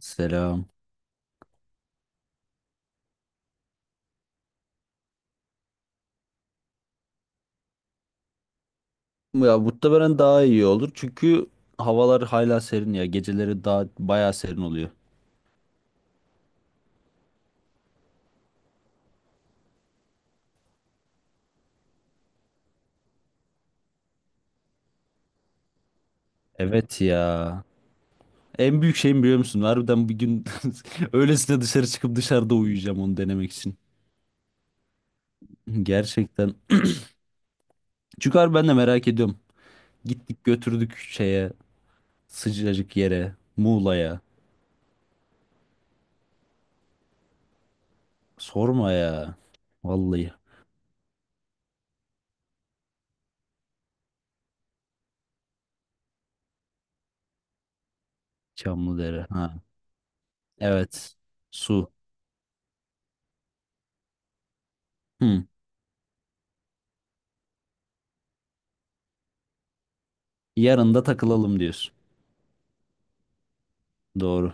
Selam. Ya muhtemelen daha iyi olur çünkü havalar hala serin ya. Geceleri daha bayağı serin oluyor. Evet ya. En büyük şeyim biliyor musun? Harbiden bir gün öylesine dışarı çıkıp dışarıda uyuyacağım onu denemek için. Gerçekten. Çünkü harbi ben de merak ediyorum. Gittik götürdük şeye sıcacık yere Muğla'ya. Sorma ya. Vallahi Çamlıdere. Ha. Evet. Su. Hı. Yarın da takılalım diyorsun. Doğru.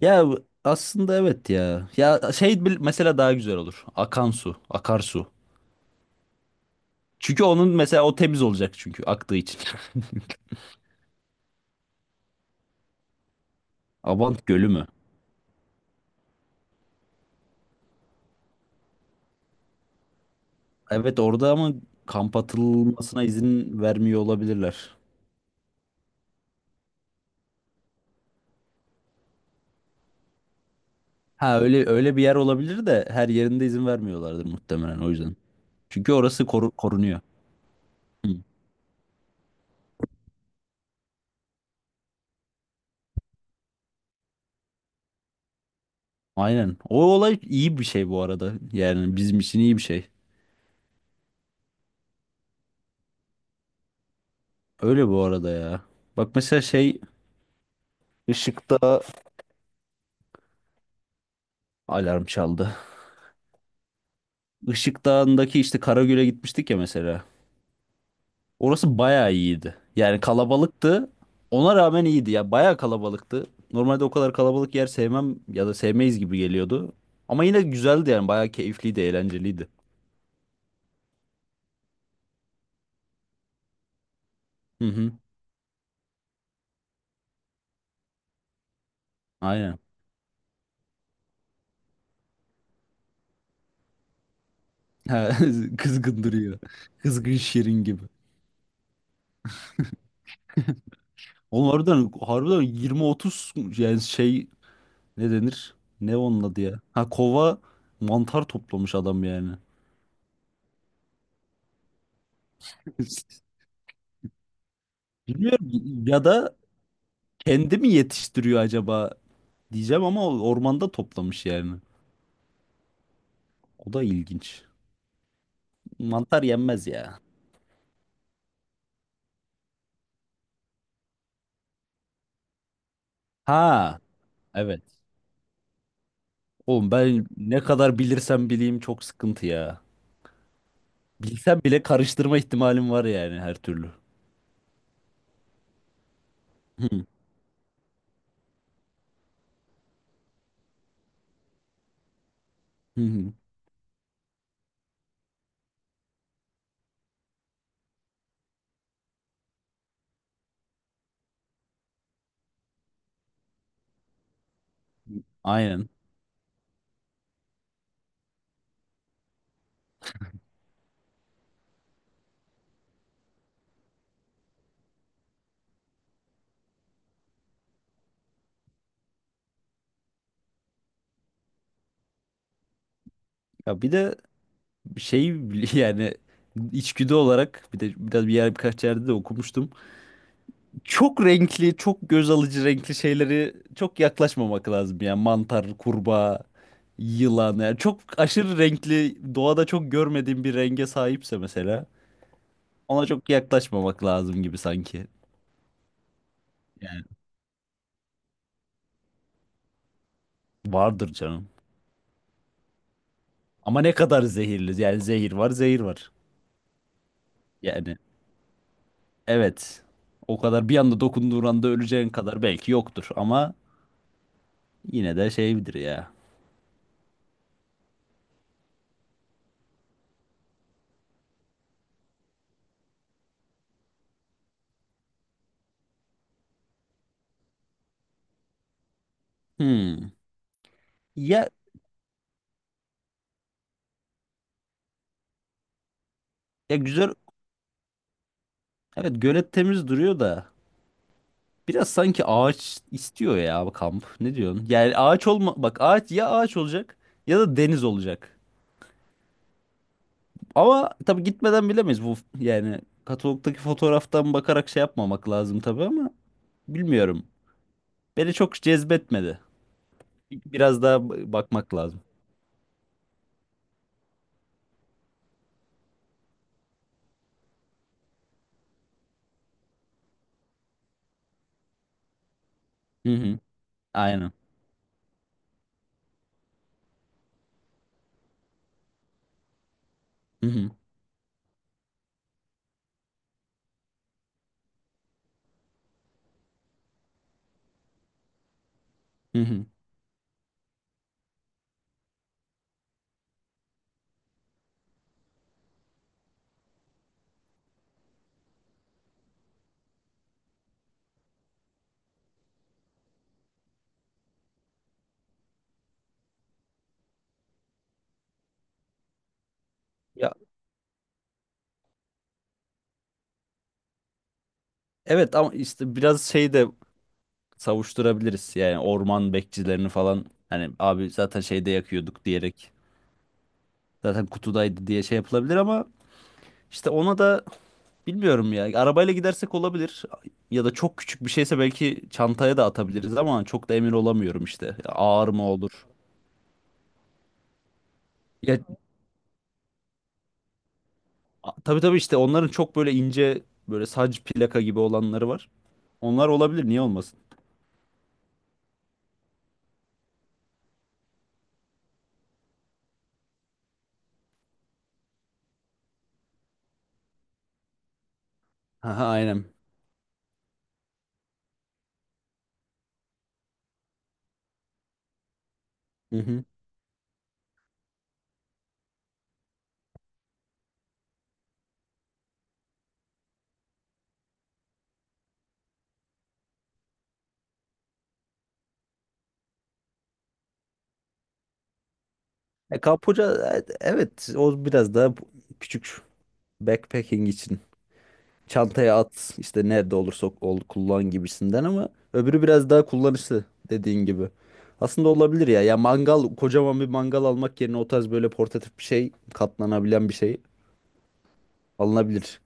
Ya aslında evet ya. Ya şey mesela daha güzel olur. Akan su, akarsu. Çünkü onun mesela o temiz olacak çünkü aktığı için. Abant Gölü mü? Evet orada ama kamp atılmasına izin vermiyor olabilirler. Ha, öyle öyle bir yer olabilir de her yerinde izin vermiyorlardır muhtemelen o yüzden. Çünkü orası korunuyor. Hı. Aynen. O olay iyi bir şey bu arada. Yani bizim için iyi bir şey. Öyle bu arada ya. Bak mesela şey ışıkta alarm çaldı. Işık Dağı'ndaki işte Karagöl'e gitmiştik ya mesela. Orası bayağı iyiydi. Yani kalabalıktı. Ona rağmen iyiydi ya. Bayağı kalabalıktı. Normalde o kadar kalabalık yer sevmem ya da sevmeyiz gibi geliyordu. Ama yine güzeldi yani. Bayağı keyifliydi, eğlenceliydi. Hı hı. Aynen. Ha, kızgın duruyor. Kızgın şirin gibi. Oğlum harbiden 20-30 yani şey, ne denir? Ne onun adı ya? Ha, kova mantar toplamış adam yani. Bilmiyorum, ya da kendi mi yetiştiriyor acaba diyeceğim ama o ormanda toplamış yani. O da ilginç. Mantar yenmez ya. Ha, evet. Oğlum ben ne kadar bilirsem bileyim çok sıkıntı ya. Bilsem bile karıştırma ihtimalim var yani her türlü. Hı hı. Hı. Aynen. Ya bir de şey yani içgüdü olarak bir de biraz bir yer, birkaç yerde de okumuştum. Çok renkli, çok göz alıcı renkli şeyleri çok yaklaşmamak lazım yani mantar, kurbağa, yılan yani çok aşırı renkli, doğada çok görmediğim bir renge sahipse mesela ona çok yaklaşmamak lazım gibi sanki. Yani vardır canım. Ama ne kadar zehirli yani, zehir var, zehir var. Yani evet. O kadar bir anda, dokunduğun anda öleceğin kadar belki yoktur ama yine de şeydir ya. Hmm. Ya, ya güzel, evet, gölet temiz duruyor da biraz sanki ağaç istiyor ya bu kamp. Ne diyorsun? Yani ağaç olma, bak ağaç ya, ağaç olacak ya da deniz olacak. Ama tabii gitmeden bilemeyiz bu, yani katalogdaki fotoğraftan bakarak şey yapmamak lazım tabii ama bilmiyorum. Beni çok cezbetmedi. Biraz daha bakmak lazım. Hı hı. Aynen. Hı hı. Hı hı. Ya evet, ama işte biraz şey de savuşturabiliriz. Yani orman bekçilerini falan, hani abi zaten şeyde yakıyorduk diyerek, zaten kutudaydı diye şey yapılabilir ama İşte ona da bilmiyorum ya. Arabayla gidersek olabilir. Ya da çok küçük bir şeyse belki çantaya da atabiliriz ama çok da emin olamıyorum işte. Ağır mı olur? Ya tabii tabii, işte onların çok böyle ince, böyle sac plaka gibi olanları var. Onlar olabilir, niye olmasın? Aha, aynen. Hı hı. Kapuca, evet, o biraz daha küçük, backpacking için. Çantaya at, işte nerede olursa ol kullan gibisinden ama öbürü biraz daha kullanışlı dediğin gibi. Aslında olabilir ya. Ya mangal, kocaman bir mangal almak yerine o tarz böyle portatif bir şey, katlanabilen bir şey alınabilir.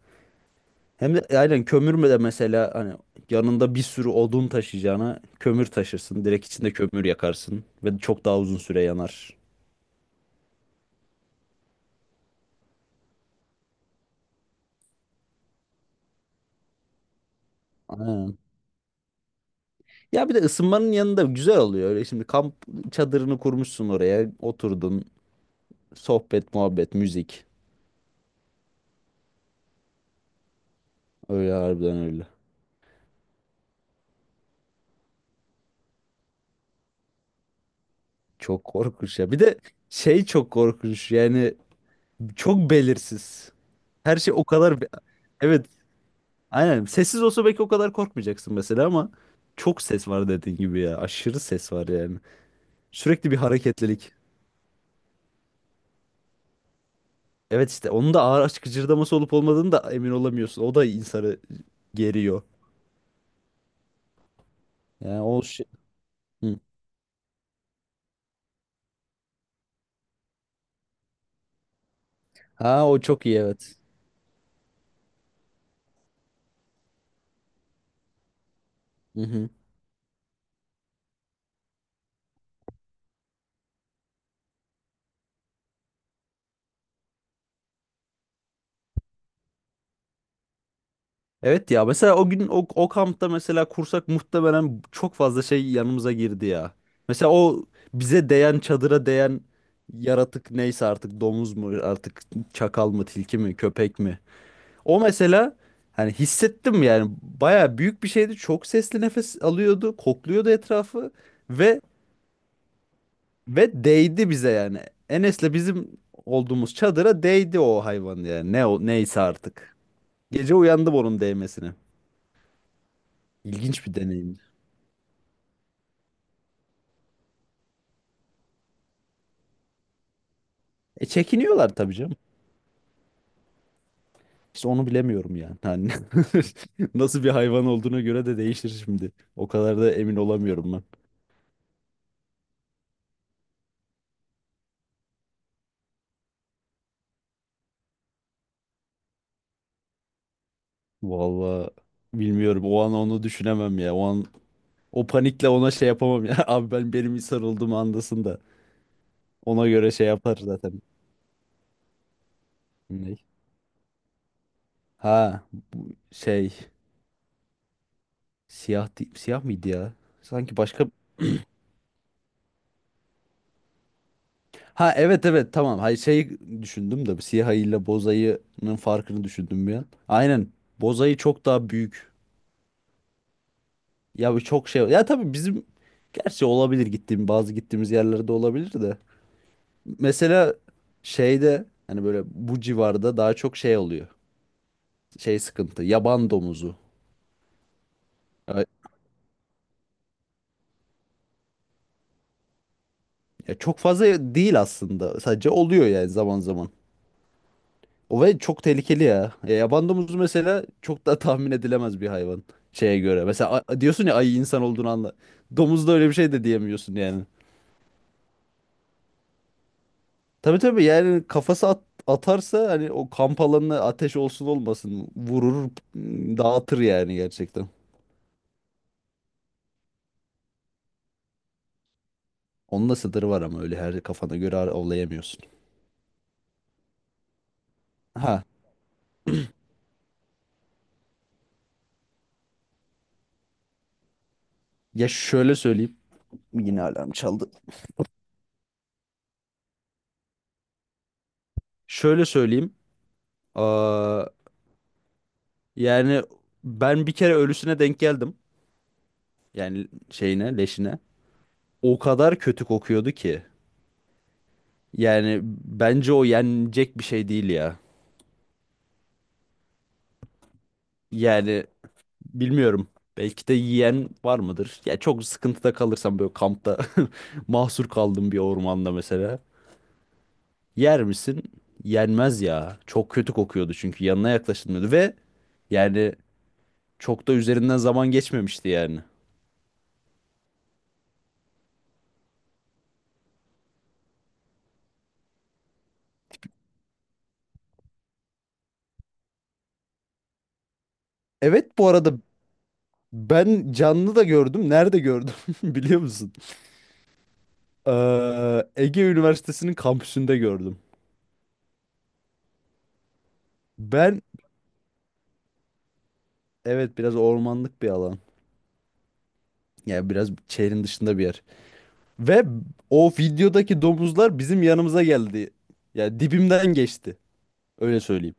Hem de aynen, kömür de mesela, hani yanında bir sürü odun taşıyacağına kömür taşırsın. Direkt içinde kömür yakarsın ve çok daha uzun süre yanar. Aynen. Ya bir de ısınmanın yanında güzel oluyor. Öyle şimdi kamp çadırını kurmuşsun oraya, oturdun, sohbet, muhabbet, müzik. Öyle harbiden, öyle. Çok korkunç ya. Bir de şey çok korkunç yani, çok belirsiz. Her şey o kadar... Evet, aynen. Sessiz olsa belki o kadar korkmayacaksın mesela ama çok ses var dediğin gibi ya. Aşırı ses var yani. Sürekli bir hareketlilik. Evet, işte onun da ağır açık cırdaması olup olmadığını da emin olamıyorsun. O da insanı geriyor. Yani o şey... Hı. Ha, o çok iyi, evet. Hı hı. Evet ya, mesela o gün o kampta mesela kursak muhtemelen çok fazla şey yanımıza girdi ya. Mesela o bize değen, çadıra değen yaratık neyse artık, domuz mu artık, çakal mı, tilki mi, köpek mi. O mesela, hani hissettim yani, baya büyük bir şeydi, çok sesli nefes alıyordu, kokluyordu etrafı ve ve değdi bize yani. Enes'le bizim olduğumuz çadıra değdi o hayvan yani, ne o neyse artık. Gece uyandım onun değmesine. İlginç bir deneyim. E çekiniyorlar tabii canım. İşte onu bilemiyorum yani. Hani nasıl bir hayvan olduğuna göre de değişir şimdi. O kadar da emin olamıyorum ben. Vallahi bilmiyorum. O an onu düşünemem ya. O an o panikle ona şey yapamam ya. Abi ben, benim insan olduğumu andasın da. Ona göre şey yapar zaten. Ne? Ha, bu şey siyah değil- siyah mıydı ya? Sanki başka. Ha, evet evet, tamam. Hayır şey, düşündüm de bu siyah ayıyla boz ayının farkını düşündüm bir an. Aynen. Boz ayı çok daha büyük. Ya bu çok şey. Ya tabii bizim, gerçi olabilir, gittiğim bazı, gittiğimiz yerlerde olabilir de. Mesela şeyde, hani böyle bu civarda daha çok şey oluyor. Şey sıkıntı. Yaban domuzu. Ya, ya çok fazla değil aslında. Sadece oluyor yani zaman zaman. O ve çok tehlikeli ya. Ya yaban domuzu mesela çok da tahmin edilemez bir hayvan, şeye göre. Mesela diyorsun ya ayı insan olduğunu anla. Domuzda öyle bir şey de diyemiyorsun yani. Tabii tabii, yani kafası atarsa hani, o kamp alanına ateş olsun olmasın dağıtır yani, gerçekten. Onun da sınırı var ama öyle her kafana göre avlayamıyorsun. Ha, ya şöyle söyleyeyim. Yine alarm çaldı. Şöyle söyleyeyim. Aa, yani ben bir kere ölüsüne denk geldim. Yani şeyine, leşine. O kadar kötü kokuyordu ki. Yani bence o yenecek bir şey değil ya. Yani bilmiyorum. Belki de yiyen var mıdır? Ya çok sıkıntıda kalırsam böyle kampta mahsur kaldım bir ormanda mesela. Yer misin? Yenmez ya. Çok kötü kokuyordu, çünkü yanına yaklaşılmıyordu ve yani çok da üzerinden zaman geçmemişti yani. Evet, bu arada ben canlı da gördüm. Nerede gördüm biliyor musun? Ege Üniversitesi'nin kampüsünde gördüm. Ben, evet, biraz ormanlık bir alan. Yani biraz şehrin dışında bir yer. Ve o videodaki domuzlar bizim yanımıza geldi. Yani dibimden geçti. Öyle söyleyeyim.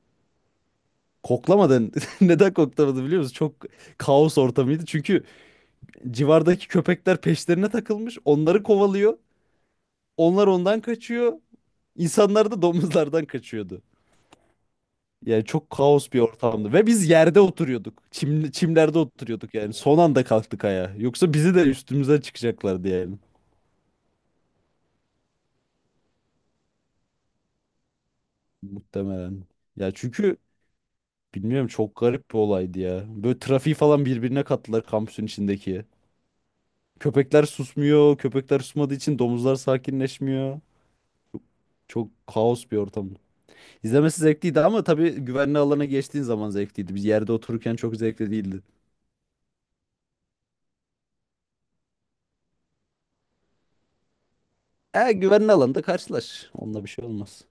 Koklamadan neden koklamadı biliyor musun? Çok kaos ortamıydı. Çünkü civardaki köpekler peşlerine takılmış. Onları kovalıyor. Onlar ondan kaçıyor. İnsanlar da domuzlardan kaçıyordu. Yani çok kaos bir ortamdı. Ve biz yerde oturuyorduk. Çim, çimlerde oturuyorduk yani. Son anda kalktık ayağa. Yoksa bizi de üstümüze çıkacaklardı yani. Muhtemelen. Ya çünkü bilmiyorum, çok garip bir olaydı ya. Böyle trafiği falan birbirine kattılar kampüsün içindeki. Köpekler susmuyor. Köpekler susmadığı için domuzlar sakinleşmiyor. Çok kaos bir ortam. İzlemesi zevkliydi ama tabii güvenli alana geçtiğin zaman zevkliydi. Biz yerde otururken çok zevkli değildi. E güvenli alanda karşılaş. Onunla bir şey olmaz.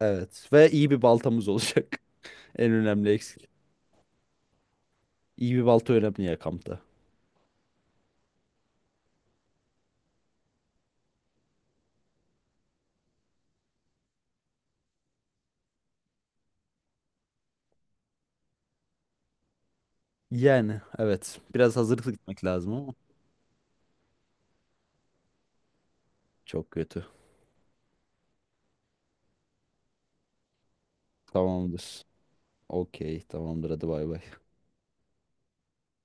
Evet, ve iyi bir baltamız olacak. En önemli eksik. İyi bir balta önemli ya kampta. Yani evet, biraz hazırlıklı gitmek lazım ama çok kötü. Tamamdır. Okey, tamamdır, hadi bay bay.